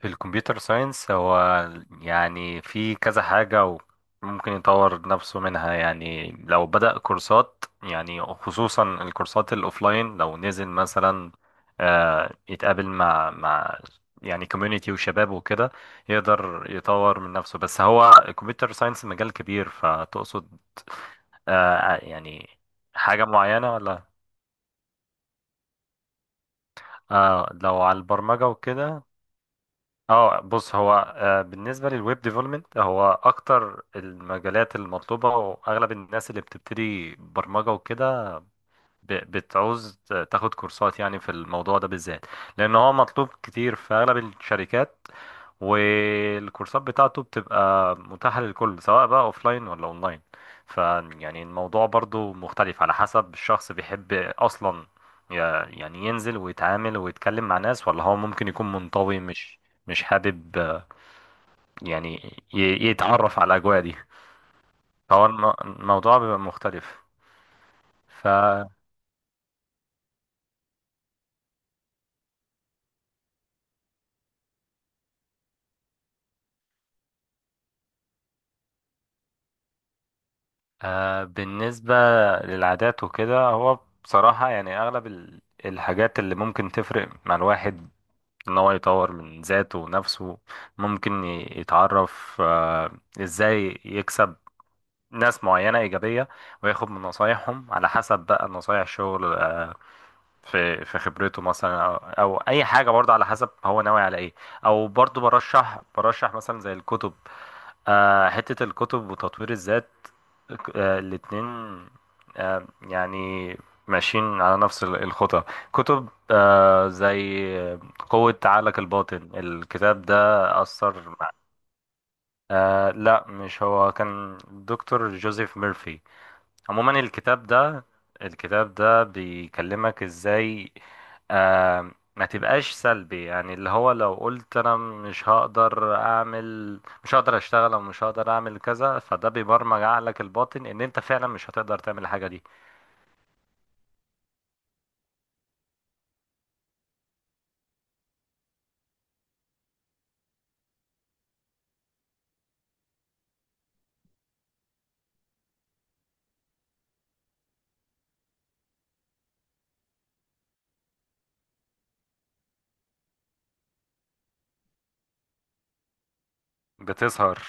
في الكمبيوتر ساينس هو يعني في كذا حاجة، وممكن يطور نفسه منها. يعني لو بدأ كورسات، يعني خصوصا الكورسات الأوفلاين لو نزل مثلا، يتقابل مع يعني كوميونيتي وشباب وكده، يقدر يطور من نفسه. بس هو الكمبيوتر ساينس مجال كبير، فتقصد آه يعني حاجة معينة ولا؟ آه، لو على البرمجة وكده. اه، بص هو بالنسبه للويب ديفلوبمنت هو اكتر المجالات المطلوبه، واغلب الناس اللي بتبتدي برمجه وكده بتعوز تاخد كورسات يعني في الموضوع ده بالذات، لان هو مطلوب كتير في اغلب الشركات. والكورسات بتاعته بتبقى متاحة للكل، سواء بقى اوفلاين ولا اونلاين. ف يعني الموضوع برضو مختلف على حسب الشخص. بيحب اصلا ي- يعني ينزل ويتعامل ويتكلم مع ناس، ولا هو ممكن يكون منطوي، مش حابب يعني يتعرف على الاجواء دي. فهو الموضوع بيبقى مختلف. ف بالنسبة للعادات وكده، هو بصراحة يعني اغلب الحاجات اللي ممكن تفرق مع الواحد ان هو يطور من ذاته ونفسه. ممكن يتعرف ازاي يكسب ناس معينة إيجابية، وياخد من نصايحهم، على حسب بقى نصايح الشغل في خبرته مثلا، أو أي حاجة برضه، على حسب هو ناوي على إيه. أو برضه برشح مثلا زي الكتب، حتة الكتب وتطوير الذات. الاتنين، آه، يعني ماشيين على نفس الخطى. كتب زي قوة عقلك الباطن، الكتاب ده أثر مع- لا، مش هو، كان دكتور جوزيف ميرفي. عموما الكتاب ده، الكتاب ده بيكلمك ازاي ما تبقاش سلبي. يعني اللي هو لو قلت انا مش هقدر اعمل، مش هقدر اشتغل، او مش هقدر اعمل كذا، فده بيبرمج عقلك الباطن ان انت فعلا مش هتقدر تعمل الحاجة دي. بتظهر.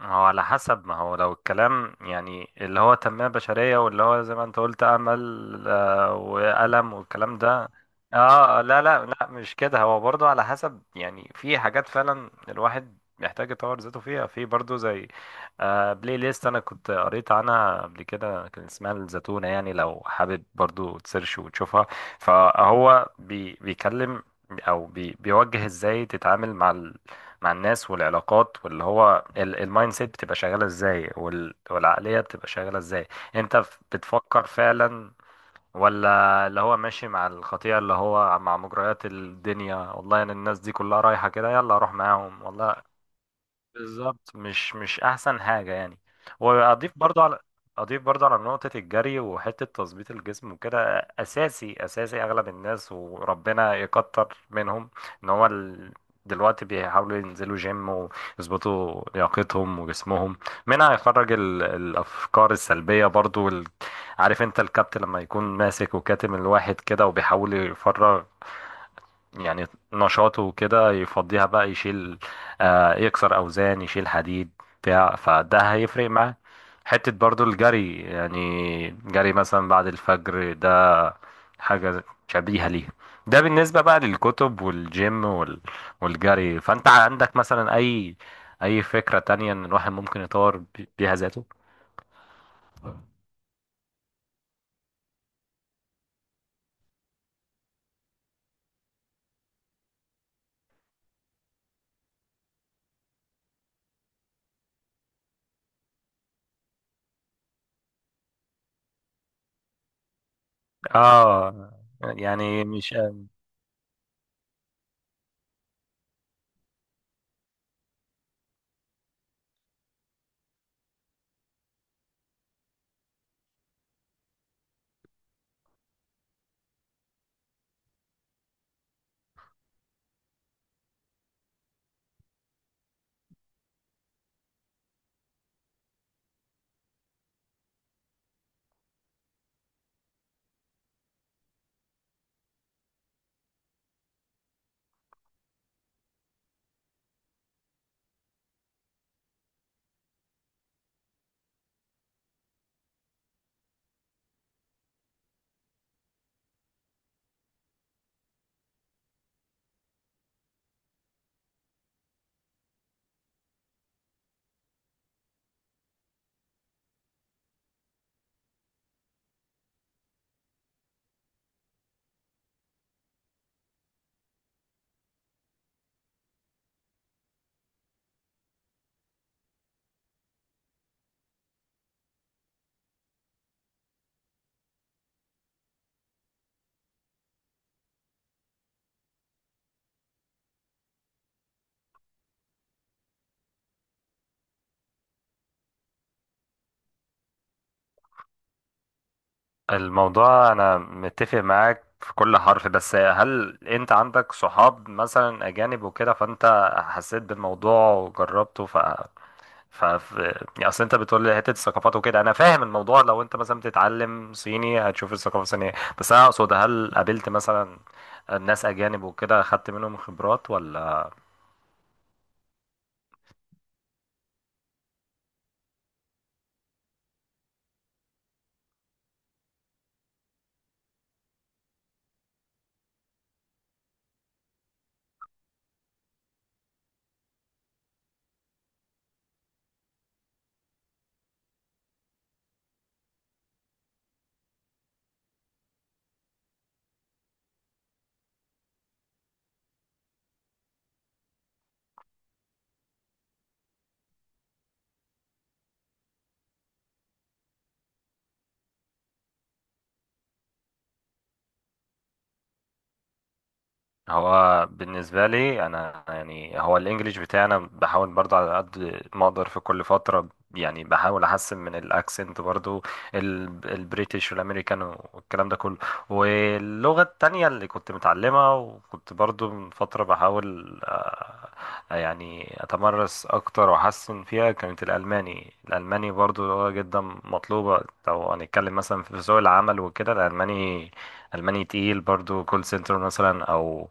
هو على حسب، ما هو لو الكلام يعني اللي هو تنمية بشرية، واللي هو زي ما انت قلت، أمل وألم والكلام ده. لا لا لا، مش كده. هو برضو على حسب، يعني في حاجات فعلا الواحد محتاج يطور ذاته فيها. في برضو زي بلاي ليست، انا كنت قريت عنها قبل كده، كان اسمها الزتونة. يعني لو حابب برضو تسيرش وتشوفها. فهو بيكلم او بيوجه ازاي تتعامل مع الناس والعلاقات. واللي هو المايند سيت بتبقى شغالة ازاي، والعقلية بتبقى شغالة ازاي. انت بتفكر فعلا، ولا اللي هو ماشي مع الخطيئة، اللي هو مع مجريات الدنيا؟ والله انا الناس دي كلها رايحة كده، يلا اروح معاهم. والله بالظبط، مش احسن حاجه يعني. واضيف برضو على اضيف برضو على نقطه الجري وحته تظبيط الجسم وكده. اساسي، اساسي. اغلب الناس وربنا يكتر منهم، ان هو دلوقتي بيحاولوا ينزلوا جيم ويظبطوا لياقتهم وجسمهم. منها يخرج الافكار السلبيه برضو. عارف انت الكابت لما يكون ماسك وكاتم الواحد كده، وبيحاول يفرغ يعني نشاطه كده، يفضيها بقى، يشيل يكسر أوزان، يشيل حديد بتاع، فده هيفرق معاه. حتة برضو الجري، يعني جري مثلا بعد الفجر ده حاجة شبيهة ليها. ده بالنسبة بقى للكتب والجيم والجري. فأنت عندك مثلا أي فكرة تانية إن الواحد ممكن يطور بيها ذاته؟ آه يعني مش الموضوع، انا متفق معاك في كل حرف، بس هل انت عندك صحاب مثلا اجانب وكده، فانت حسيت بالموضوع وجربته؟ ف ف- يعني اصل انت بتقول لي حته الثقافات وكده، انا فاهم الموضوع. لو انت مثلا بتتعلم صيني هتشوف الثقافه الصينيه. بس انا اقصد، هل قابلت مثلا ناس اجانب وكده، خدت منهم خبرات ولا؟ هو بالنسبة لي أنا، يعني هو الإنجليش بتاعنا بحاول برضو على قد ما أقدر في كل فترة، يعني بحاول أحسن من الأكسنت برضو، البريتش والأمريكان والكلام ده كله. واللغة التانية اللي كنت متعلمها وكنت برضو من فترة بحاول يعني أتمرس أكتر وأحسن فيها، كانت الألماني. الألماني برضو لغة جدا مطلوبة، لو هنتكلم مثلا في سوق العمل وكده. الألماني، ألماني تقيل، برضو كول سنتر مثلا أو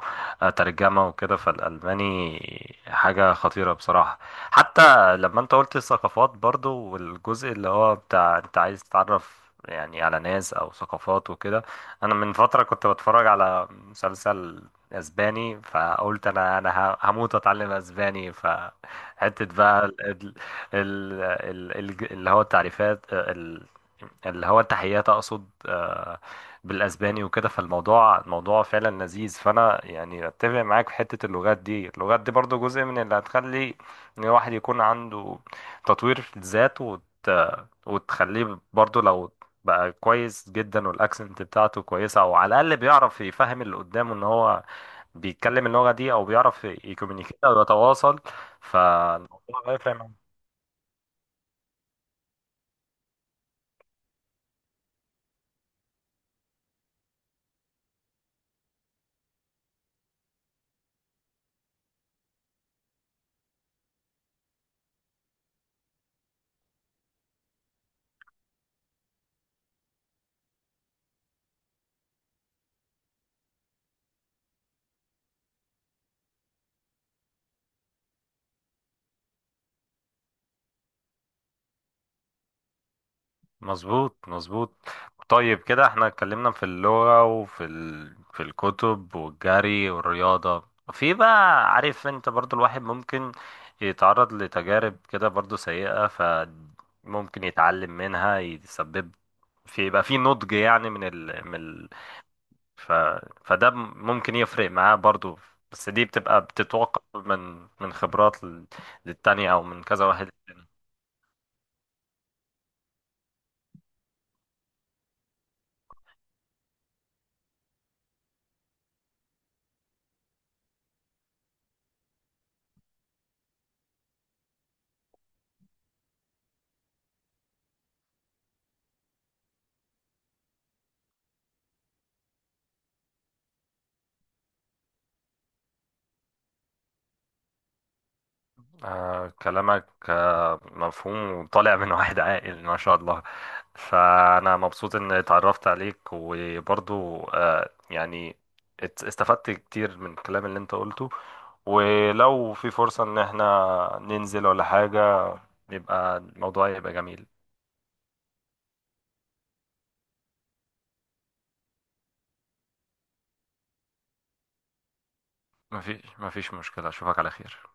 ترجمة وكده، فالألماني حاجة خطيرة بصراحة. حتى لما انت قلت الثقافات برضو، والجزء اللي هو بتاع انت عايز تتعرف يعني على ناس أو ثقافات وكده، أنا من فترة كنت بتفرج على مسلسل اسباني، فقلت انا هموت اتعلم اسباني. فحته بقى اللي هو التعريفات، اللي هو التحيات اقصد بالاسباني وكده. فالموضوع، الموضوع فعلا لذيذ. فانا يعني اتفق معاك في حته اللغات دي. اللغات دي برضو جزء من اللي هتخلي ان الواحد يكون عنده تطوير في الذات، وتخليه برضو لو بقى كويس جدا، والاكسنت بتاعته كويسه، او على الاقل بيعرف يفهم اللي قدامه ان هو بيتكلم اللغه دي، او بيعرف يكومينيكيت او يتواصل. فالموضوع هيفرق. مظبوط، مظبوط. طيب كده احنا اتكلمنا في اللغة وفي في الكتب والجري والرياضة. في بقى، عارف انت، برضو الواحد ممكن يتعرض لتجارب كده برضو سيئة، فممكن يتعلم منها، يسبب في يبقى في نضج يعني ف... فده ممكن يفرق معاه برضو. بس دي بتبقى بتتوقع من خبرات للتانية او من كذا واحد. كلامك مفهوم وطالع من واحد عاقل ما شاء الله، فأنا مبسوط إن اتعرفت عليك. وبرضو يعني استفدت كتير من الكلام اللي انت قلته. ولو في فرصة إن احنا ننزل ولا حاجة، يبقى الموضوع يبقى جميل. مفيش مشكلة، أشوفك على خير.